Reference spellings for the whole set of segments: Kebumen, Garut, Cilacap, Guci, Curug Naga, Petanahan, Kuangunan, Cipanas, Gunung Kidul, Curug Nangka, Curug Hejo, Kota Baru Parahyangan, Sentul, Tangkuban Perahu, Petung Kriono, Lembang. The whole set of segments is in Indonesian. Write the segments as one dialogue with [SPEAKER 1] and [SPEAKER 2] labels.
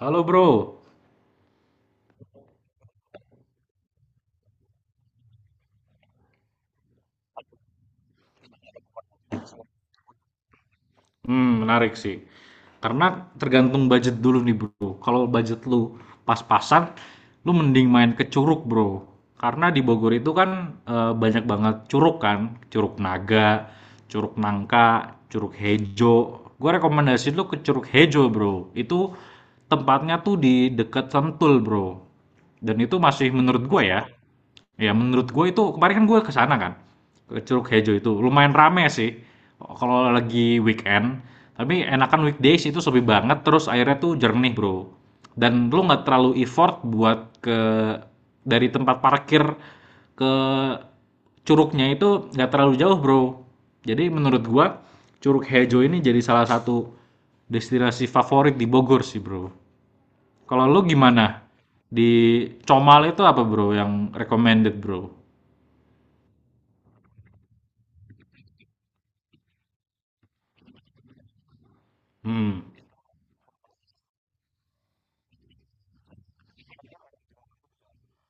[SPEAKER 1] Halo bro. Menarik sih. Karena tergantung budget dulu nih bro. Kalau budget lu pas-pasan, lu mending main ke Curug bro. Karena di Bogor itu kan banyak banget curug kan, Curug Naga, Curug Nangka, Curug Hejo. Gue rekomendasiin lu ke Curug Hejo bro. Itu tempatnya tuh di dekat Sentul bro. Dan itu masih menurut gue ya. Ya menurut gue itu kemarin kan gue ke sana kan, ke Curug Hejo itu. Lumayan rame sih kalau lagi weekend, tapi enakan weekdays itu sepi banget terus airnya tuh jernih, Bro. Dan lu nggak terlalu effort buat ke dari tempat parkir ke curugnya itu nggak terlalu jauh, Bro. Jadi menurut gue Curug Hejo ini jadi salah satu destinasi favorit di Bogor sih, Bro. Kalau lu gimana? Di Comal itu apa bro yang recommended bro? Hmm.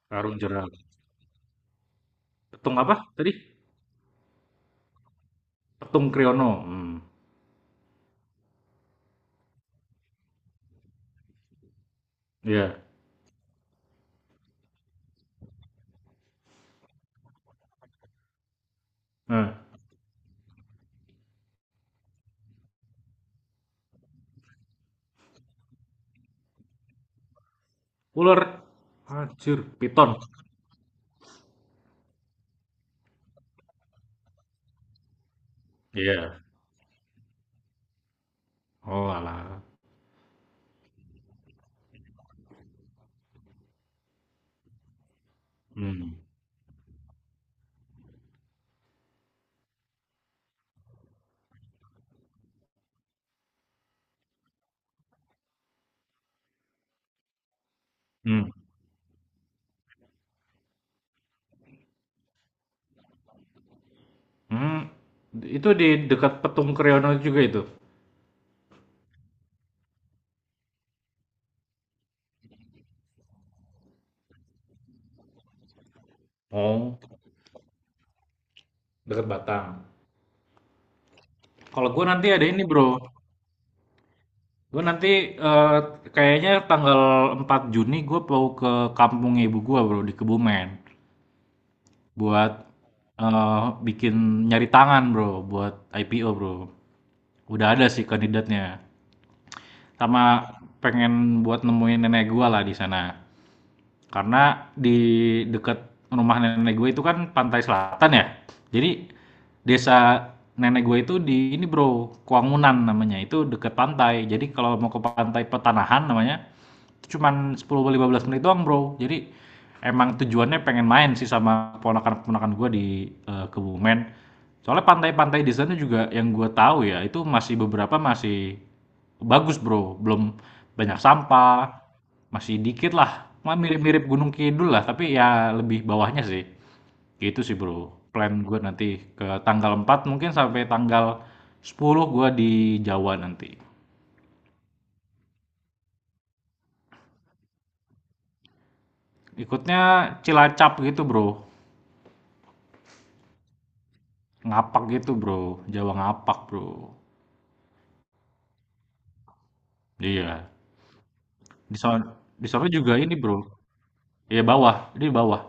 [SPEAKER 1] Karung jeram. Petung apa tadi? Petung Kriono. Hmm, iya. Nah, ular. Anjir, piton. Iya. Oh alah. Hmm. Hmm. Hmm. Itu di dekat Petung Kriono juga itu. Oh, dekat Batang. Kalau gue nanti ada ini bro, gue nanti eh, kayaknya tanggal 4 Juni gue mau ke kampung ibu gue bro di Kebumen. Buat, bikin nyari tangan, Bro, buat IPO, Bro. Udah ada sih kandidatnya. Sama pengen buat nemuin nenek gua lah di sana. Karena di dekat rumah nenek gue itu kan pantai selatan ya. Jadi desa nenek gue itu di ini, Bro, Kuangunan namanya, itu dekat pantai. Jadi kalau mau ke pantai Petanahan namanya cuman 10 15 menit doang, Bro. Jadi emang tujuannya pengen main sih sama keponakan-keponakan gue di Kebumen. Soalnya pantai-pantai di sana juga yang gue tahu ya, itu masih beberapa masih bagus, Bro. Belum banyak sampah, masih dikit lah. Mah mirip-mirip Gunung Kidul lah, tapi ya lebih bawahnya sih. Gitu sih, Bro. Plan gue nanti ke tanggal 4 mungkin sampai tanggal 10 gue di Jawa nanti. Ikutnya Cilacap gitu, Bro. Ngapak gitu, Bro. Jawa ngapak, Bro. Iya. Di sono di sono juga ini, Bro. Iya bawah, ini bawah.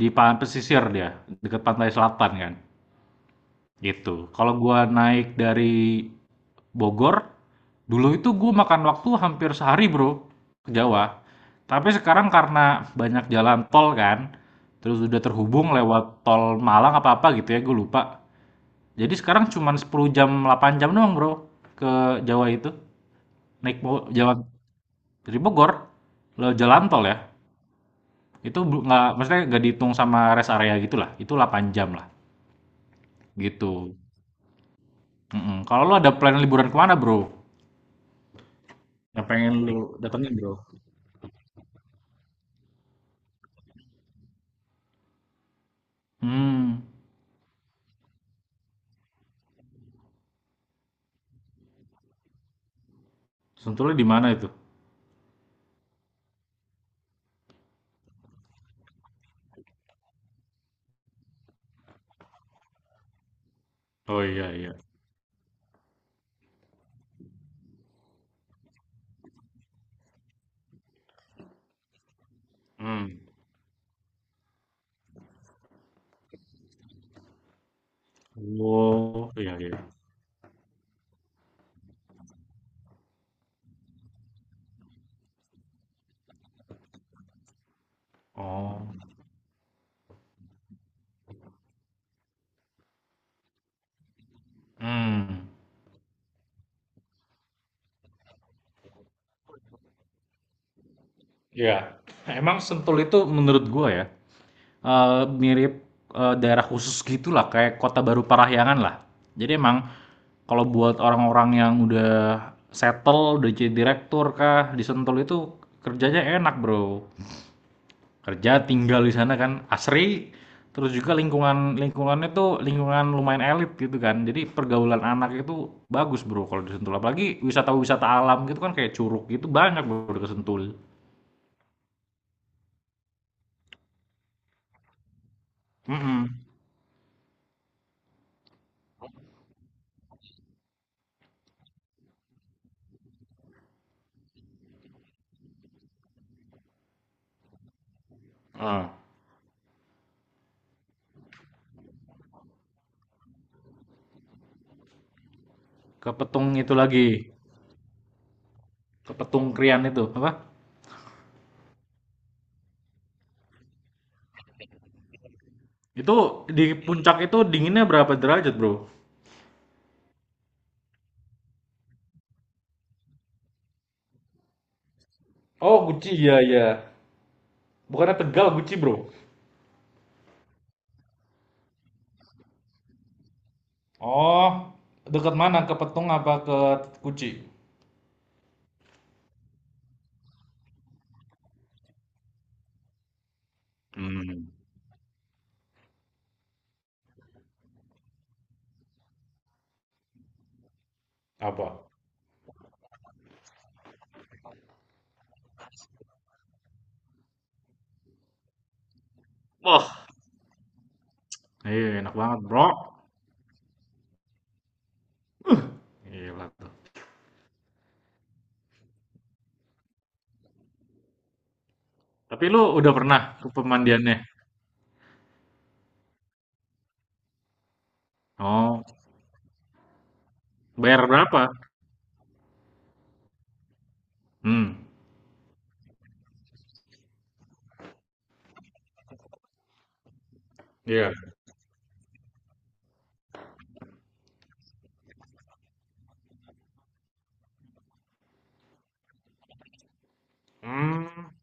[SPEAKER 1] Di pesisir dia, dekat pantai selatan kan. Gitu. Kalau gua naik dari Bogor, dulu itu gua makan waktu hampir sehari, Bro, ke Jawa. Tapi sekarang karena banyak jalan tol kan, terus udah terhubung lewat tol Malang apa-apa gitu ya, gue lupa. Jadi sekarang cuman 10 jam, 8 jam doang, Bro, ke Jawa itu. Naik Jawa. Dari Bogor lo jalan tol ya. Itu nggak maksudnya nggak dihitung sama rest area gitulah. Itu 8 jam lah gitu. Mm-mm. Kalau lo ada plan liburan kemana bro? Yang pengen lo datengin bro? Hmm. Sentulnya di mana itu? Oh iya iya. Hmm. Oh iya iya. Oh. Hmm. Iya. Emang Sentul itu menurut gua ya. Mirip, daerah khusus gitulah kayak Kota Baru Parahyangan lah. Jadi emang kalau buat orang-orang yang udah settle, udah jadi direktur kah di Sentul itu kerjanya enak, Bro. Kerja, tinggal di sana kan asri, terus juga lingkungannya tuh lingkungan lumayan elit gitu kan. Jadi pergaulan anak itu bagus, Bro, kalau di Sentul. Apalagi wisata-wisata alam gitu kan kayak curug gitu banyak, Bro, di Sentul. Mhm, heeh. Ke Petung itu lagi, ke Petung Krian itu, apa? Itu di puncak itu dinginnya berapa derajat, Bro? Oh, Guci, iya, iya. Bukannya Tegal, Guci, bro. Oh, dekat mana? Ke Petung apa ke Guci? Hmm. Apa? Wah, iya enak banget, Bro. Gila tuh. Tapi lu udah pernah ke pemandiannya? Oh, bayar berapa? Hmm. Iya. Hmm.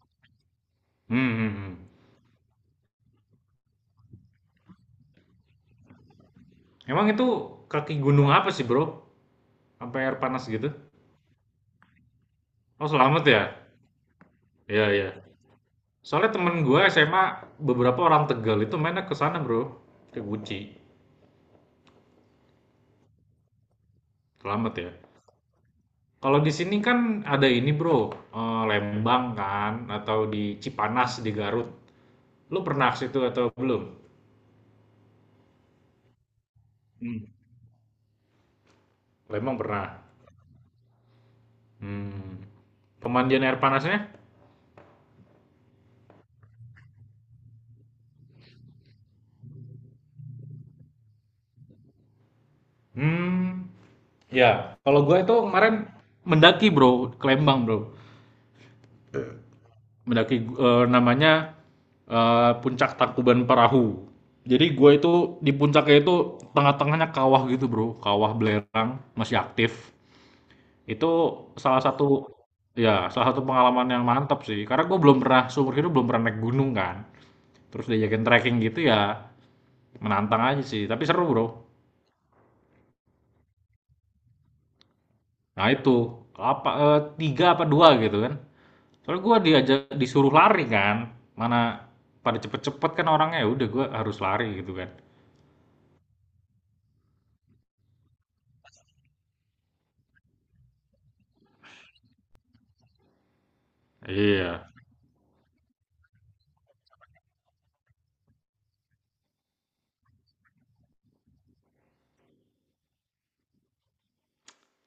[SPEAKER 1] Hmm. Hmm, hmm. Emang itu kaki gunung apa sih, Bro? Sampai air panas gitu? Oh, selamat ya? Iya, iya. Soalnya temen gue SMA beberapa orang Tegal itu mainnya ke sana bro, ke Guci, selamat ya. Kalau di sini kan ada ini bro, Lembang kan, atau di Cipanas di Garut. Lu pernah ke situ atau belum? Hmm. Lembang pernah. Hmm. Pemandian air panasnya? Hmm. Ya, kalau gue itu kemarin mendaki bro, ke Lembang bro. Mendaki namanya puncak Tangkuban Perahu. Jadi gue itu di puncaknya itu tengah-tengahnya kawah gitu bro, kawah belerang masih aktif. Itu salah satu salah satu pengalaman yang mantap sih. Karena gue belum pernah seumur hidup belum pernah naik gunung kan. Terus diajakin trekking gitu ya menantang aja sih. Tapi seru bro. Nah itu apa tiga apa dua gitu kan. Soalnya gue diajak disuruh lari kan. Mana pada cepet-cepet kan orangnya ya udah gue harus lari gitu kan. Iya,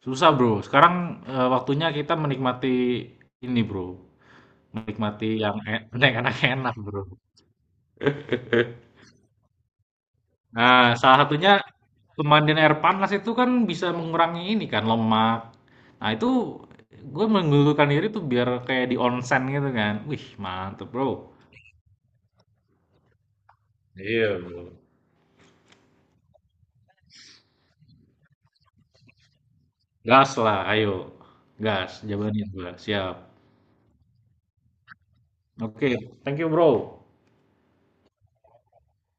[SPEAKER 1] susah, Bro. Sekarang, waktunya kita menikmati ini, Bro, menikmati yang yang enak-enak, Bro. Nah, salah satunya pemandian air panas itu kan bisa mengurangi ini kan, lemak. Nah, itu gue menggelulurkan diri tuh biar kayak di onsen gitu kan. Wih, mantep Bro. Iya, Bro. Gas lah, ayo, gas, jawabannya gua, siap. Oke, thank you, Bro.